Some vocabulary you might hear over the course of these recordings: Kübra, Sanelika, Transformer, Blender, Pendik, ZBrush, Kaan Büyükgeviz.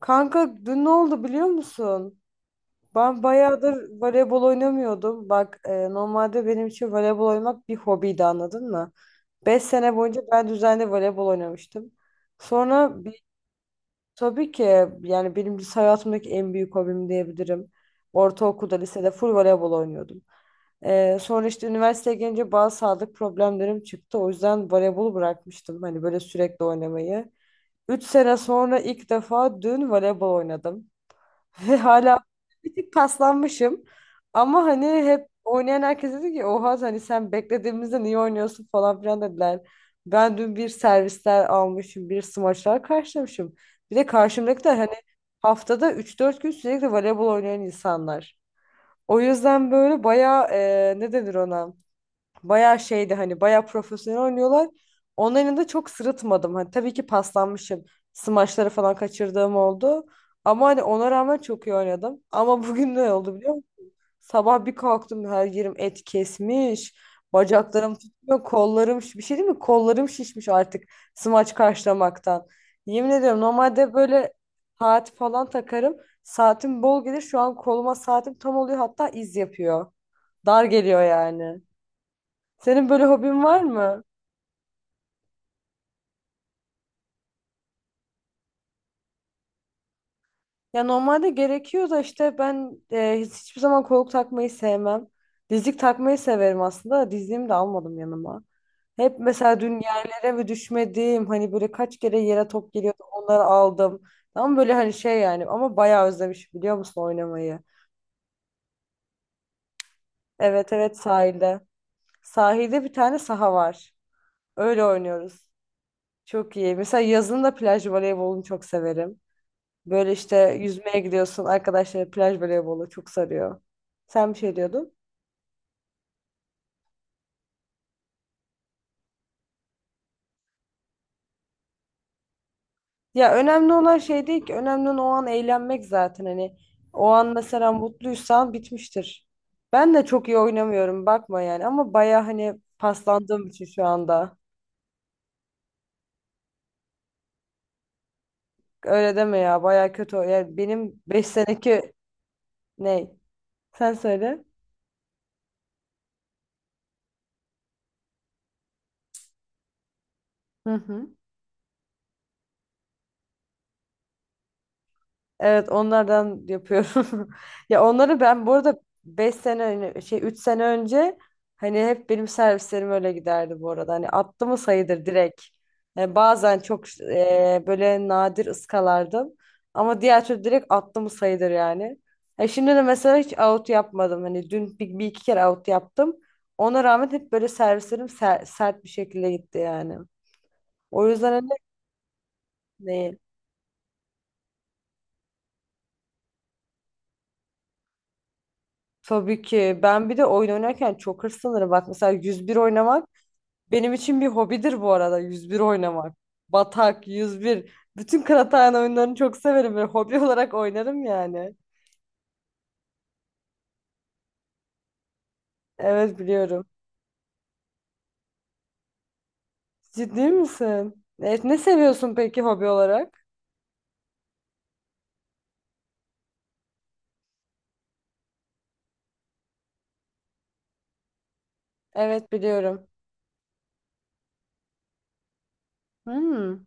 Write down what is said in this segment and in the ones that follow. Kanka dün ne oldu biliyor musun? Ben bayağıdır voleybol oynamıyordum. Bak normalde benim için voleybol oynamak bir hobiydi anladın mı? 5 sene boyunca ben düzenli voleybol oynamıştım. Sonra bir, tabii ki yani benim lise hayatımdaki en büyük hobim diyebilirim. Ortaokulda, lisede full voleybol oynuyordum. E, sonra işte üniversiteye gelince bazı sağlık problemlerim çıktı. O yüzden voleybolu bırakmıştım. Hani böyle sürekli oynamayı. 3 sene sonra ilk defa dün voleybol oynadım. Ve hala bir tık paslanmışım. Ama hani hep oynayan herkes dedi ki oha hani sen beklediğimizde niye oynuyorsun falan filan dediler. Ben dün bir servisler almışım, bir smaçlar karşılamışım. Bir de karşımdakiler hani haftada üç dört gün sürekli voleybol oynayan insanlar. O yüzden böyle bayağı ne denir ona? Bayağı şeydi hani bayağı profesyonel oynuyorlar. Onların da çok sırıtmadım. Hani tabii ki paslanmışım. Smaçları falan kaçırdığım oldu. Ama hani ona rağmen çok iyi oynadım. Ama bugün ne oldu biliyor musun? Sabah bir kalktım her yerim et kesmiş. Bacaklarım tutmuyor, kollarım bir şey değil mi? Kollarım şişmiş artık smaç karşılamaktan. Yemin ediyorum normalde böyle saat falan takarım. Saatim bol gelir. Şu an koluma saatim tam oluyor, hatta iz yapıyor. Dar geliyor yani. Senin böyle hobin var mı? Ya normalde gerekiyor da işte ben hiçbir zaman koluk takmayı sevmem. Dizlik takmayı severim aslında da dizliğimi de almadım yanıma. Hep mesela dün yerlere mi düşmediğim hani böyle kaç kere yere top geliyordu onları aldım. Tam böyle hani şey yani ama bayağı özlemiş biliyor musun oynamayı? Evet evet, sahilde. Sahilde bir tane saha var. Öyle oynuyoruz. Çok iyi. Mesela yazın da plaj voleybolunu çok severim. Böyle işte yüzmeye gidiyorsun, arkadaşlar plaj voleybolu çok sarıyor. Sen bir şey diyordun. Ya önemli olan şey değil ki, önemli olan o an eğlenmek zaten hani o an mesela mutluysan bitmiştir. Ben de çok iyi oynamıyorum bakma yani, ama baya hani paslandığım için şu anda. Öyle deme ya, baya kötü. Yani benim 5 seneki ne? Sen söyle. Hı hı. Evet, onlardan yapıyorum. Ya onları ben bu arada 5 sene öne- şey 3 sene önce hani hep benim servislerim öyle giderdi bu arada. Hani attı mı sayıdır direkt. Yani bazen çok böyle nadir ıskalardım. Ama diğer türlü direkt attı mı sayıdır yani. Ya şimdi de mesela hiç out yapmadım. Hani dün bir iki kere out yaptım. Ona rağmen hep böyle servislerim sert bir şekilde gitti yani. O yüzden hani. Tabii ki. Ben bir de oyun oynarken çok hırslanırım. Bak mesela 101 oynamak benim için bir hobidir, bu arada 101 oynamak. Batak, yüz bir. Bütün Kıraathane oyunlarını çok severim ve hobi olarak oynarım yani. Evet biliyorum. Ciddi misin? Evet, ne seviyorsun peki hobi olarak? Evet biliyorum. Hmm,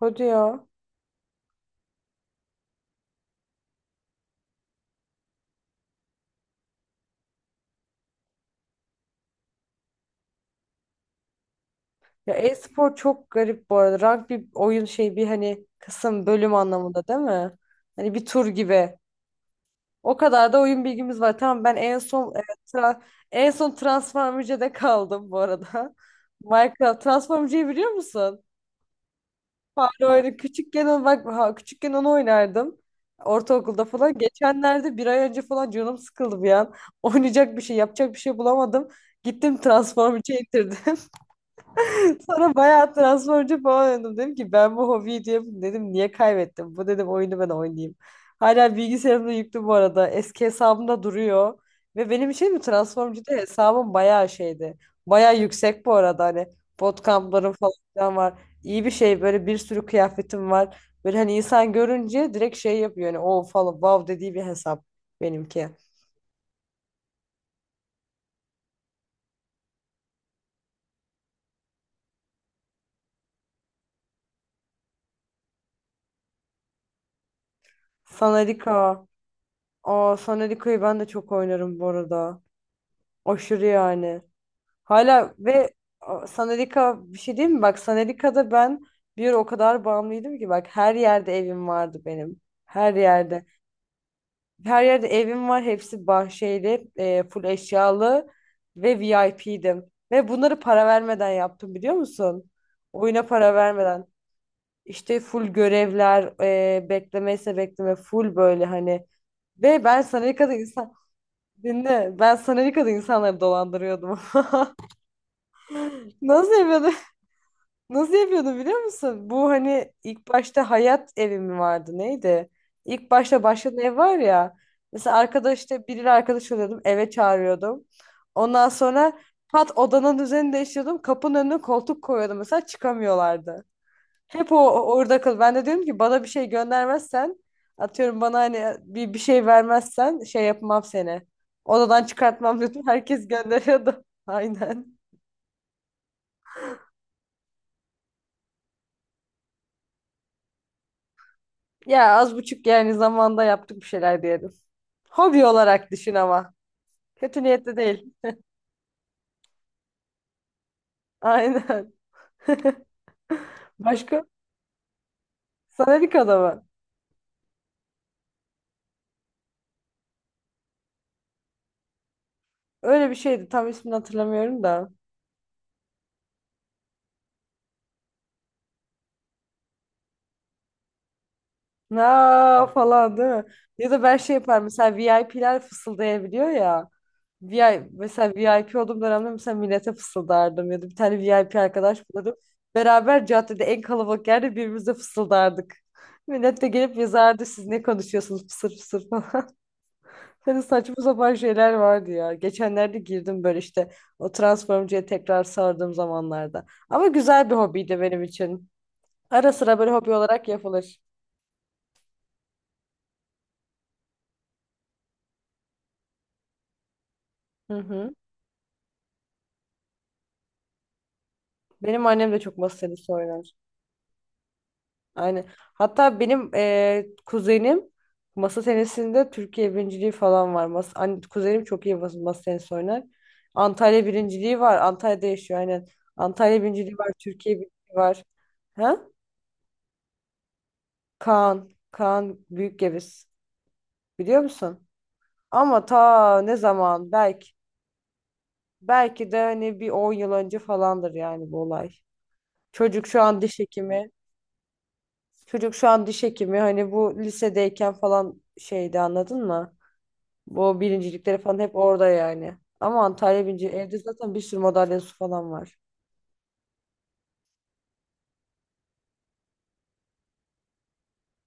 hadi ya. Ya, e-spor çok garip bu arada. Rank bir oyun şey, bir hani kısım, bölüm anlamında değil mi? Hani bir tur gibi. O kadar da oyun bilgimiz var. Tamam, ben en son tra- en son Transformer'da kaldım bu arada. Minecraft Transformer'ı biliyor musun? Fare oyunu küçükken onu, bak ha, küçükken onu oynardım. Ortaokulda falan. Geçenlerde bir ay önce falan canım sıkıldı bir an. Oynayacak bir şey, yapacak bir şey bulamadım. Gittim Transformer'ı indirdim. Sonra bayağı transferci falan oynadım. Dedim ki ben bu hobiyi diye dedim niye kaybettim? Bu dedim oyunu ben oynayayım. Hala bilgisayarımda yüklü bu arada. Eski hesabımda duruyor. Ve benim için mi Transformcı'da hesabım bayağı şeydi. Bayağı yüksek bu arada hani bootcamp'larım falan filan var. İyi bir şey, böyle bir sürü kıyafetim var. Böyle hani insan görünce direkt şey yapıyor hani o falan wow dediği bir hesap benimki. Sanadika. Aa, Sanadika'yı ben de çok oynarım bu arada. Aşırı yani. Hala ve a, Sanelika bir şey değil mi? Bak Sanelika'da ben bir ara o kadar bağımlıydım ki, bak her yerde evim vardı benim. Her yerde. Her yerde evim var. Hepsi bahçeli, full eşyalı ve VIP'dim. Ve bunları para vermeden yaptım biliyor musun? Oyuna para vermeden. İşte full görevler, beklemeyse bekleme full böyle hani. Ve ben Sanelika'da insan... Dinle. Ben Sanelika'da insanları dolandırıyordum. Nasıl yapıyordum? Nasıl yapıyordu biliyor musun? Bu hani ilk başta hayat evi mi vardı neydi? İlk başta başlayan ev var ya. Mesela arkadaş işte, biriyle arkadaş oluyordum, eve çağırıyordum. Ondan sonra pat odanın düzenini değiştiriyordum. Kapının önüne koltuk koyuyordum mesela, çıkamıyorlardı. Hep orada kal. Ben de diyorum ki bana bir şey göndermezsen, atıyorum, bana hani bir şey vermezsen şey yapmam seni. Odadan çıkartmam diyordum. Herkes gönderiyordu. Aynen. Ya az buçuk yani zamanda yaptık bir şeyler diyelim. Hobi olarak düşün ama. Kötü niyetli değil. Aynen. Başka? Sanadika'da mı? Öyle bir şeydi. Tam ismini hatırlamıyorum da. Na falan değil mi? Ya da ben şey yaparım. Mesela VIP'ler fısıldayabiliyor ya. Mesela VIP olduğum dönemde mesela millete fısıldardım. Ya da bir tane VIP arkadaş bulurum. Beraber caddede en kalabalık yerde birbirimize fısıldardık. Millet de gelip yazardı siz ne konuşuyorsunuz fısır fısır. Hani saçma sapan şeyler vardı ya. Geçenlerde girdim böyle işte o Transformcı'ya tekrar sardığım zamanlarda. Ama güzel bir hobiydi benim için. Ara sıra böyle hobi olarak yapılır. Hı hı. Benim annem de çok masa tenisi oynar. Aynen. Hatta benim kuzenim masa tenisinde Türkiye birinciliği falan var. Kuzenim çok iyi masa tenisi oynar. Antalya birinciliği var. Antalya'da yaşıyor aynen. Antalya birinciliği var. Türkiye birinciliği var. Ha? Kaan. Kaan Büyükgeviz. Biliyor musun? Ama ta ne zaman, belki de hani bir 10 yıl önce falandır yani bu olay. Çocuk şu an diş hekimi. Çocuk şu an diş hekimi, hani bu lisedeyken falan şeydi anladın mı? Bu birincilikleri falan hep orada yani. Ama Antalya birinci, evde zaten bir sürü madalyası falan var.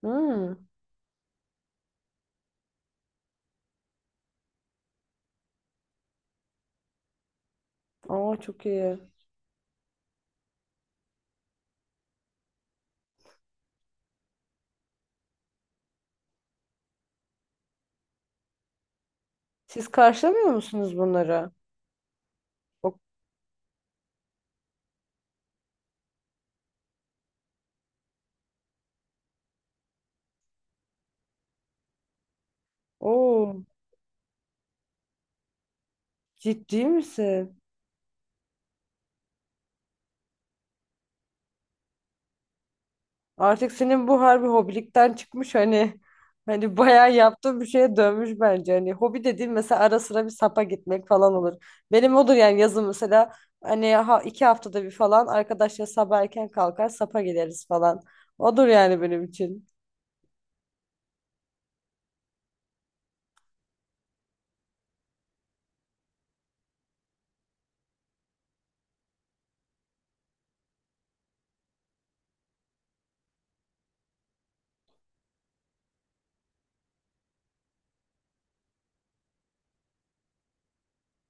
Hmm. Aa çok iyi. Siz karşılamıyor musunuz bunları? O- Oo, ciddi misin? Artık senin bu harbi hobilikten çıkmış hani bayağı yaptığın bir şeye dönmüş bence. Hani hobi dediğin mesela ara sıra bir sapa gitmek falan olur. Benim odur yani, yazın mesela hani 2 haftada bir falan arkadaşlar sabah erken kalkar sapa gideriz falan. Odur yani benim için.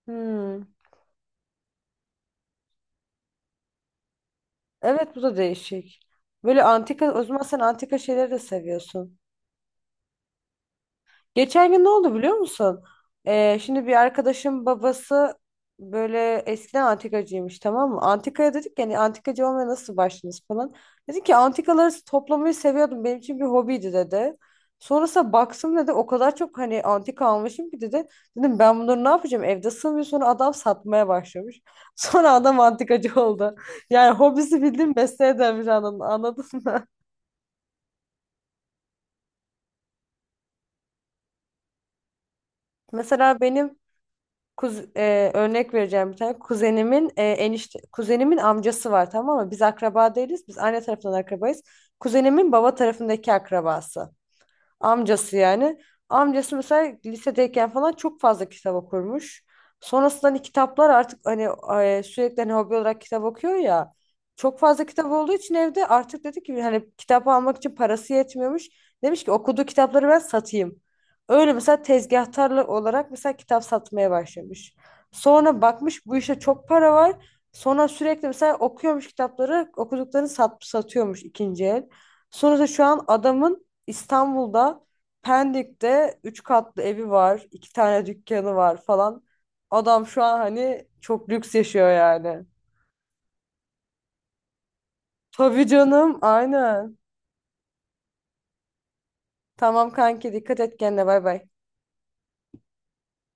Hmm. Evet bu da değişik. Böyle antika, o zaman sen antika şeyleri de seviyorsun. Geçen gün ne oldu biliyor musun? Şimdi bir arkadaşım babası böyle eskiden antikacıymış tamam mı? Antikaya dedik yani antikacı olmaya nasıl başladınız falan. Dedi ki antikaları toplamayı seviyordum, benim için bir hobiydi dedi. Sonrasında baksın dedi, o kadar çok hani antika almışım ki dedi. Dedim ben bunları ne yapacağım evde sığmıyor, sonra adam satmaya başlamış. Sonra adam antikacı oldu. Yani hobisi bildiğin mesleğe dönmüş anladın mı? Mesela benim örnek vereceğim bir tane. Kuzenimin amcası var tamam mı? Biz akraba değiliz. Biz anne tarafından akrabayız. Kuzenimin baba tarafındaki akrabası. Amcası yani. Amcası mesela lisedeyken falan çok fazla kitap okurmuş. Sonrasında hani kitaplar artık hani sürekli hani hobi olarak kitap okuyor ya. Çok fazla kitap olduğu için evde artık dedi ki hani kitap almak için parası yetmiyormuş. Demiş ki okuduğu kitapları ben satayım. Öyle mesela tezgahtarlı olarak mesela kitap satmaya başlamış. Sonra bakmış bu işte çok para var. Sonra sürekli mesela okuyormuş kitapları, okuduklarını satıyormuş ikinci el. Sonra da şu an adamın İstanbul'da Pendik'te 3 katlı evi var, 2 tane dükkanı var falan. Adam şu an hani çok lüks yaşıyor yani. Tabii canım, aynen. Tamam kanki dikkat et kendine, bay bay.